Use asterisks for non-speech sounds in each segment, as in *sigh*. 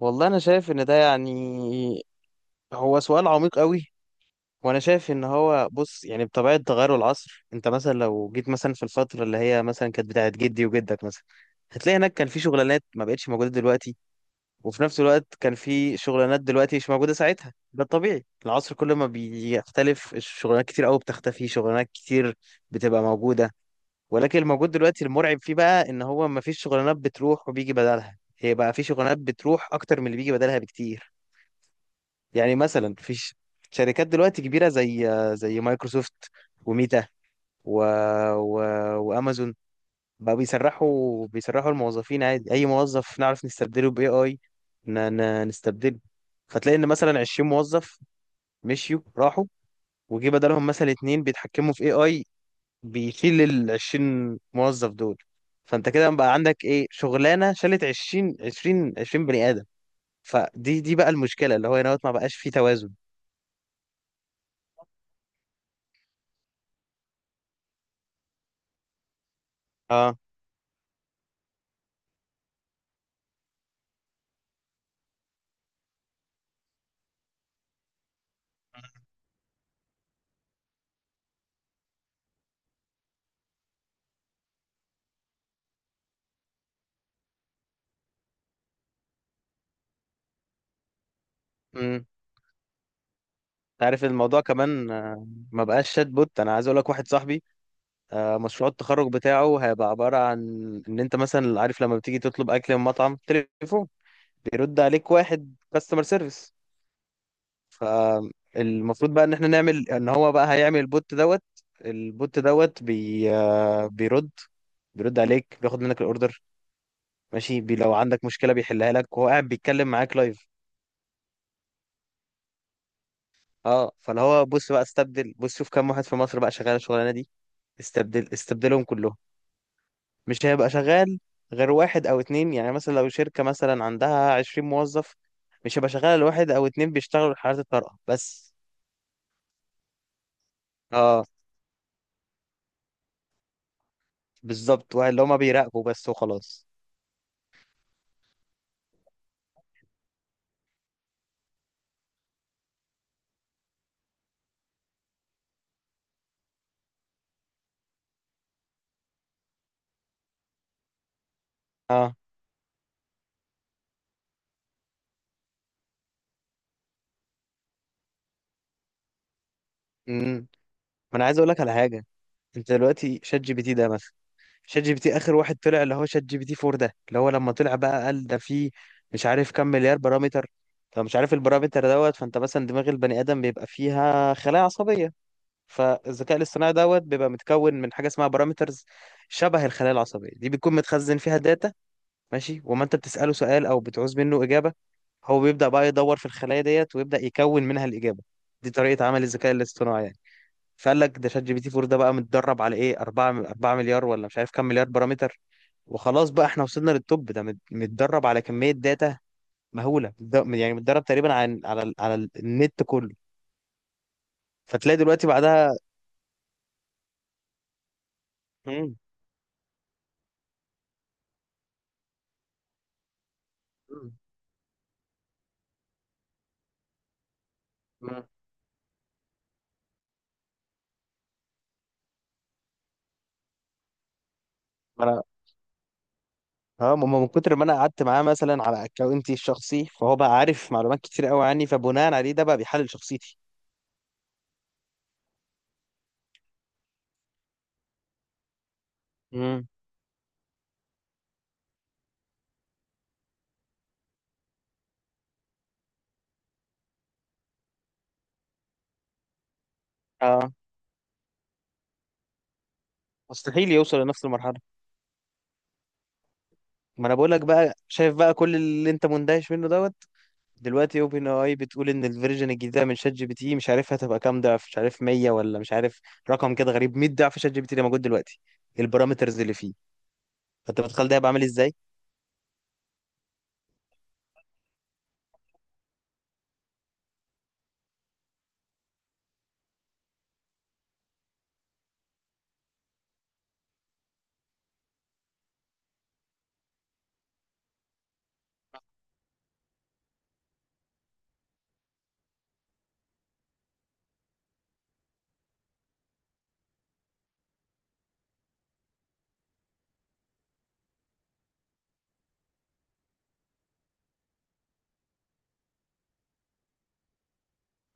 والله انا شايف ان ده يعني هو سؤال عميق قوي. وانا شايف ان هو بص يعني بطبيعه تغير العصر. انت مثلا لو جيت مثلا في الفتره اللي هي مثلا كانت بتاعت جدي وجدك مثلا، هتلاقي هناك كان في شغلانات ما بقتش موجوده دلوقتي. وفي نفس الوقت كان في شغلانات دلوقتي مش موجوده ساعتها. ده الطبيعي، العصر كل ما بيختلف الشغلانات كتير قوي بتختفي، شغلانات كتير بتبقى موجوده. ولكن الموجود دلوقتي المرعب فيه بقى ان هو ما فيش شغلانات بتروح وبيجي بدلها، هي بقى في شغلانات بتروح اكتر من اللي بيجي بدلها بكتير. يعني مثلا في شركات دلوقتي كبيرة زي مايكروسوفت وميتا و... و... وامازون بقى بيسرحوا الموظفين عادي. اي موظف نعرف نستبدله باي اي، نستبدله. فتلاقي ان مثلا 20 موظف مشيوا راحوا، وجي بدلهم مثلا اتنين بيتحكموا في اي اي بيشيل ال 20 موظف دول. فانت كده بقى عندك ايه؟ شغلانة شالت 20 20 20 بني ادم. فدي بقى المشكلة، اللي هو هنا ما بقاش فيه توازن. اه، عارف الموضوع كمان. ما بقاش شات بوت. انا عايز اقول لك واحد صاحبي مشروع التخرج بتاعه هيبقى عباره عن ان انت مثلا عارف لما بتيجي تطلب اكل من مطعم تليفون، بيرد عليك واحد كاستمر سيرفيس. فالمفروض بقى ان احنا نعمل ان هو بقى هيعمل البوت دوت بي آه، بيرد عليك، بياخد منك الاوردر ماشي، لو عندك مشكله بيحلها لك وهو قاعد بيتكلم معاك لايف. اه، فاللي هو بص بقى استبدل. بص شوف كام واحد في مصر بقى شغال الشغلانه دي، استبدلهم كلهم. مش هيبقى شغال غير واحد او اتنين. يعني مثلا لو شركة مثلا عندها 20 موظف، مش هيبقى شغال غير واحد او اتنين بيشتغلوا حالات الطارئة بس. اه بالظبط، واحد اللي هما بيراقبوا بس وخلاص. اه. امم ما انا عايز اقول لك على حاجة. انت دلوقتي شات جي بي تي ده مثلا، شات جي بي تي اخر واحد طلع اللي هو شات جي بي تي 4 ده، اللي هو لما طلع بقى قال ده فيه مش عارف كام مليار بارامتر. فمش عارف البارامتر دوت. فانت مثلا دماغ البني ادم بيبقى فيها خلايا عصبية، فالذكاء الاصطناعي دوت بيبقى متكون من حاجه اسمها بارامترز شبه الخلايا العصبيه دي، بتكون متخزن فيها داتا. ماشي. وما انت بتساله سؤال او بتعوز منه اجابه، هو بيبدا بقى يدور في الخلايا ديت ويبدا يكون منها الاجابه. دي طريقه عمل الذكاء الاصطناعي يعني. فقال لك ده شات جي بي تي 4 ده بقى متدرب على ايه؟ 4 مليار ولا مش عارف كام مليار بارامتر. وخلاص بقى احنا وصلنا للتوب. ده متدرب على كميه داتا مهوله، يعني متدرب تقريبا على النت كله. فتلاقي دلوقتي بعدها. مم. مم. مم. اه، ما هو من كتر ما انا قعدت معاه مثلا على اكونتي الشخصي فهو بقى عارف معلومات كتير قوي عني، فبناء عليه ده بقى بيحلل شخصيتي. امم اه، مستحيل يوصل لنفس المرحله. ما انا بقول لك بقى شايف بقى كل اللي انت مندهش منه دوت. دلوقتي اوبن اي بتقول ان الفيرجن الجديده من شات جي بي تي مش عارف هتبقى كام ضعف، مش عارف 100 ولا مش عارف، رقم كده غريب، 100 ضعف شات جي بي تي اللي موجود دلوقتي، البارامترز اللي فيه. فانت متخيل ده هيبقى عامل ازاي؟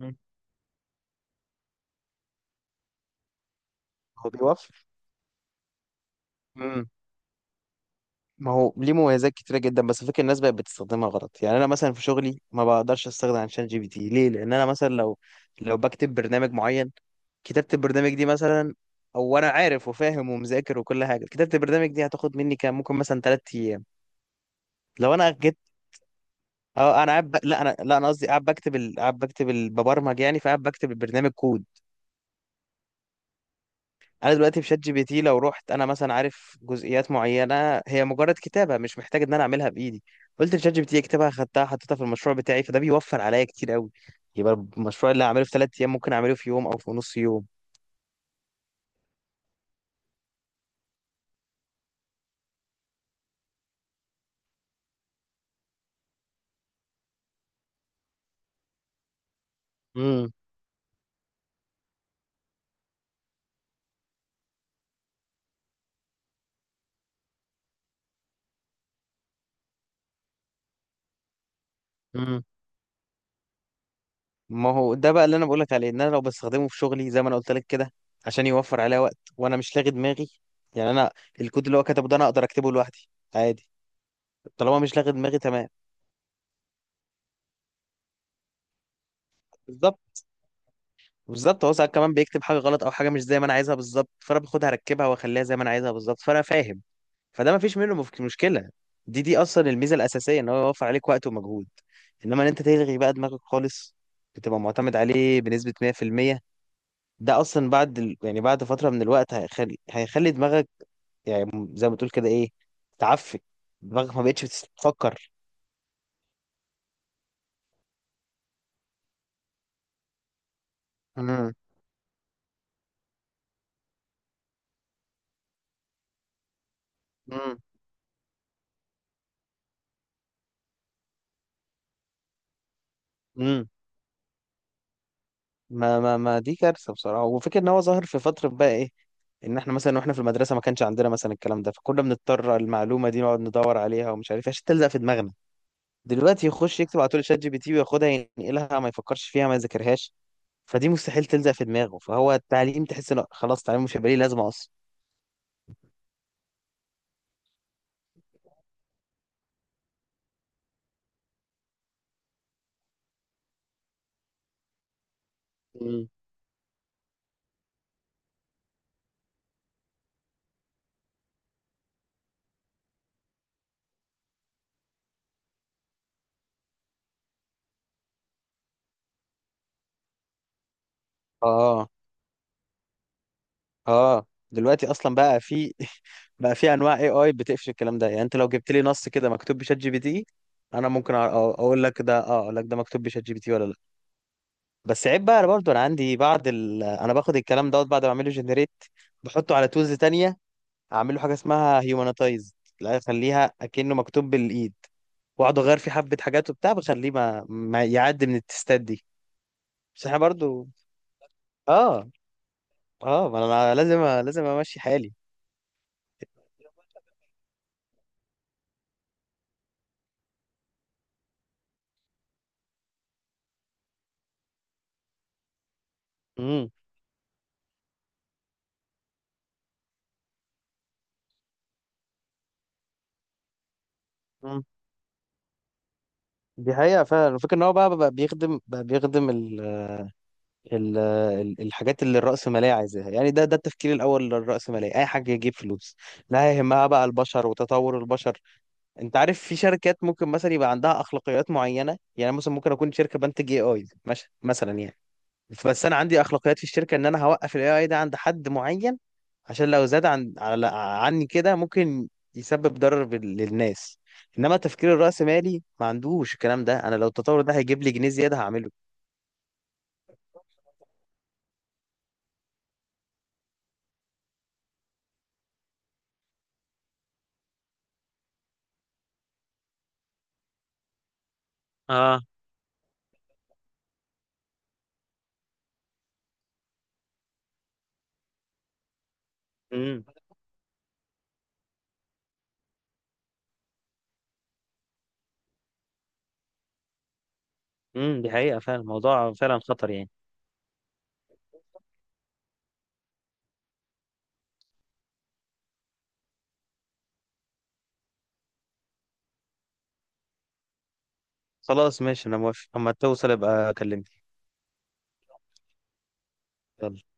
مم. هو بيوفر. ما هو ليه مميزات كتيرة جدا. بس فكرة الناس بقت بتستخدمها غلط. يعني أنا مثلا في شغلي ما بقدرش أستخدم عن شات جي بي تي. ليه؟ لأن أنا مثلا لو بكتب برنامج معين، كتابة البرنامج دي مثلا، أو أنا عارف وفاهم ومذاكر وكل حاجة، كتابة البرنامج دي هتاخد مني كام؟ ممكن مثلا 3 أيام. لو أنا جيت، أه أنا قاعد لا أنا قصدي قاعد بكتب ببرمج يعني. فقاعد بكتب البرنامج كود. انا دلوقتي في شات جي بي تي لو رحت انا مثلا عارف جزئيات معينه هي مجرد كتابه مش محتاج ان انا اعملها بايدي، قلت لشات جي بي تي اكتبها، خدتها حطيتها في المشروع بتاعي، فده بيوفر عليا كتير قوي. يبقى المشروع اللي هعمله في 3 ايام ممكن اعمله في يوم او في نص يوم. امم امم ما هو ده بقى اللي انا بقولك عليه، ان انا لو بستخدمه في شغلي زي ما انا قلت لك كده عشان يوفر عليا وقت، وانا مش لاغي دماغي. يعني انا الكود اللي هو كتبه ده انا اقدر اكتبه لوحدي عادي. طالما مش لاغي دماغي تمام. بالظبط. بالظبط هو ساعات كمان بيكتب حاجه غلط او حاجه مش زي ما انا عايزها بالظبط، فانا باخدها اركبها واخليها زي ما انا عايزها بالظبط، فانا فاهم. فده ما فيش منه مشكله. دي اصلا الميزه الاساسيه، ان هو يوفر عليك وقت ومجهود. انما ان انت تلغي بقى دماغك خالص، بتبقى معتمد عليه بنسبه 100%. ده اصلا بعد يعني بعد فتره من الوقت، هيخلي دماغك، يعني زي ما تقول كده، ايه، تعفن دماغك. ما بقتش بتفكر. امم امم ما ما ما دي كارثه بصراحه. وفكره ان هو ظاهر في فتره بقى، ايه، ان احنا مثلا واحنا في المدرسه ما كانش عندنا مثلا الكلام ده، فكنا بنضطر المعلومه دي نقعد ندور عليها ومش عارف إيه عشان تلزق في دماغنا. دلوقتي يخش يكتب على طول شات جي بي تي وياخدها ينقلها، ما يفكرش فيها ما يذاكرهاش. فدي مستحيل تلزق في دماغه، فهو التعليم تحس انه خلاص التعليم مش هيبقى ليه لازمه اصلا. مم. اه، اه، دلوقتي اصلا بقى في *laughs* بقى في انواع اي اي بتقفش الكلام ده. يعني انت لو جبت لي نص كده مكتوب بشات جي بي تي، انا ممكن اقول لك ده، اه، اقول لك ده مكتوب بشات جي بي تي ولا لا. بس عيب بقى. انا برضو انا عندي بعض انا باخد الكلام دوت بعد ما اعمله جنريت بحطه على تولز تانية، اعمل له حاجه اسمها هيومنتايزد، لا اخليها اكنه مكتوب بالايد، واقعد اغير فيه حبه حاجات وبتاع بخليه ما, ما يعدي من التستات دي. بس احنا برضو اه، اه، ما انا لازم، امشي حالي. امم دي حقيقه فعلا. الفكره ان هو بقى, بقى بيخدم ال- الحاجات اللي الرأسمالية عايزاها. يعني ده التفكير الأول للرأسمالية، أي حاجة يجيب فلوس، لا يهمها بقى البشر وتطور البشر. أنت عارف في شركات ممكن مثلا يبقى عندها أخلاقيات معينة. يعني مثلا ممكن أكون شركة بنتج اي اي مثلا يعني، بس أنا عندي أخلاقيات في الشركة إن أنا هوقف الاي اي ده عند حد معين، عشان لو زاد على عني كده ممكن يسبب ضرر للناس. إنما تفكير الرأسمالي ما عندوش الكلام ده، أنا لو التطور ده هيجيب لي جنيه زيادة هعمله. اه. مم. دي حقيقة فعلا. الموضوع فعلا خطر يعني. خلاص ماشي، انا موافق. اما توصل ابقى اكلمني. يلا.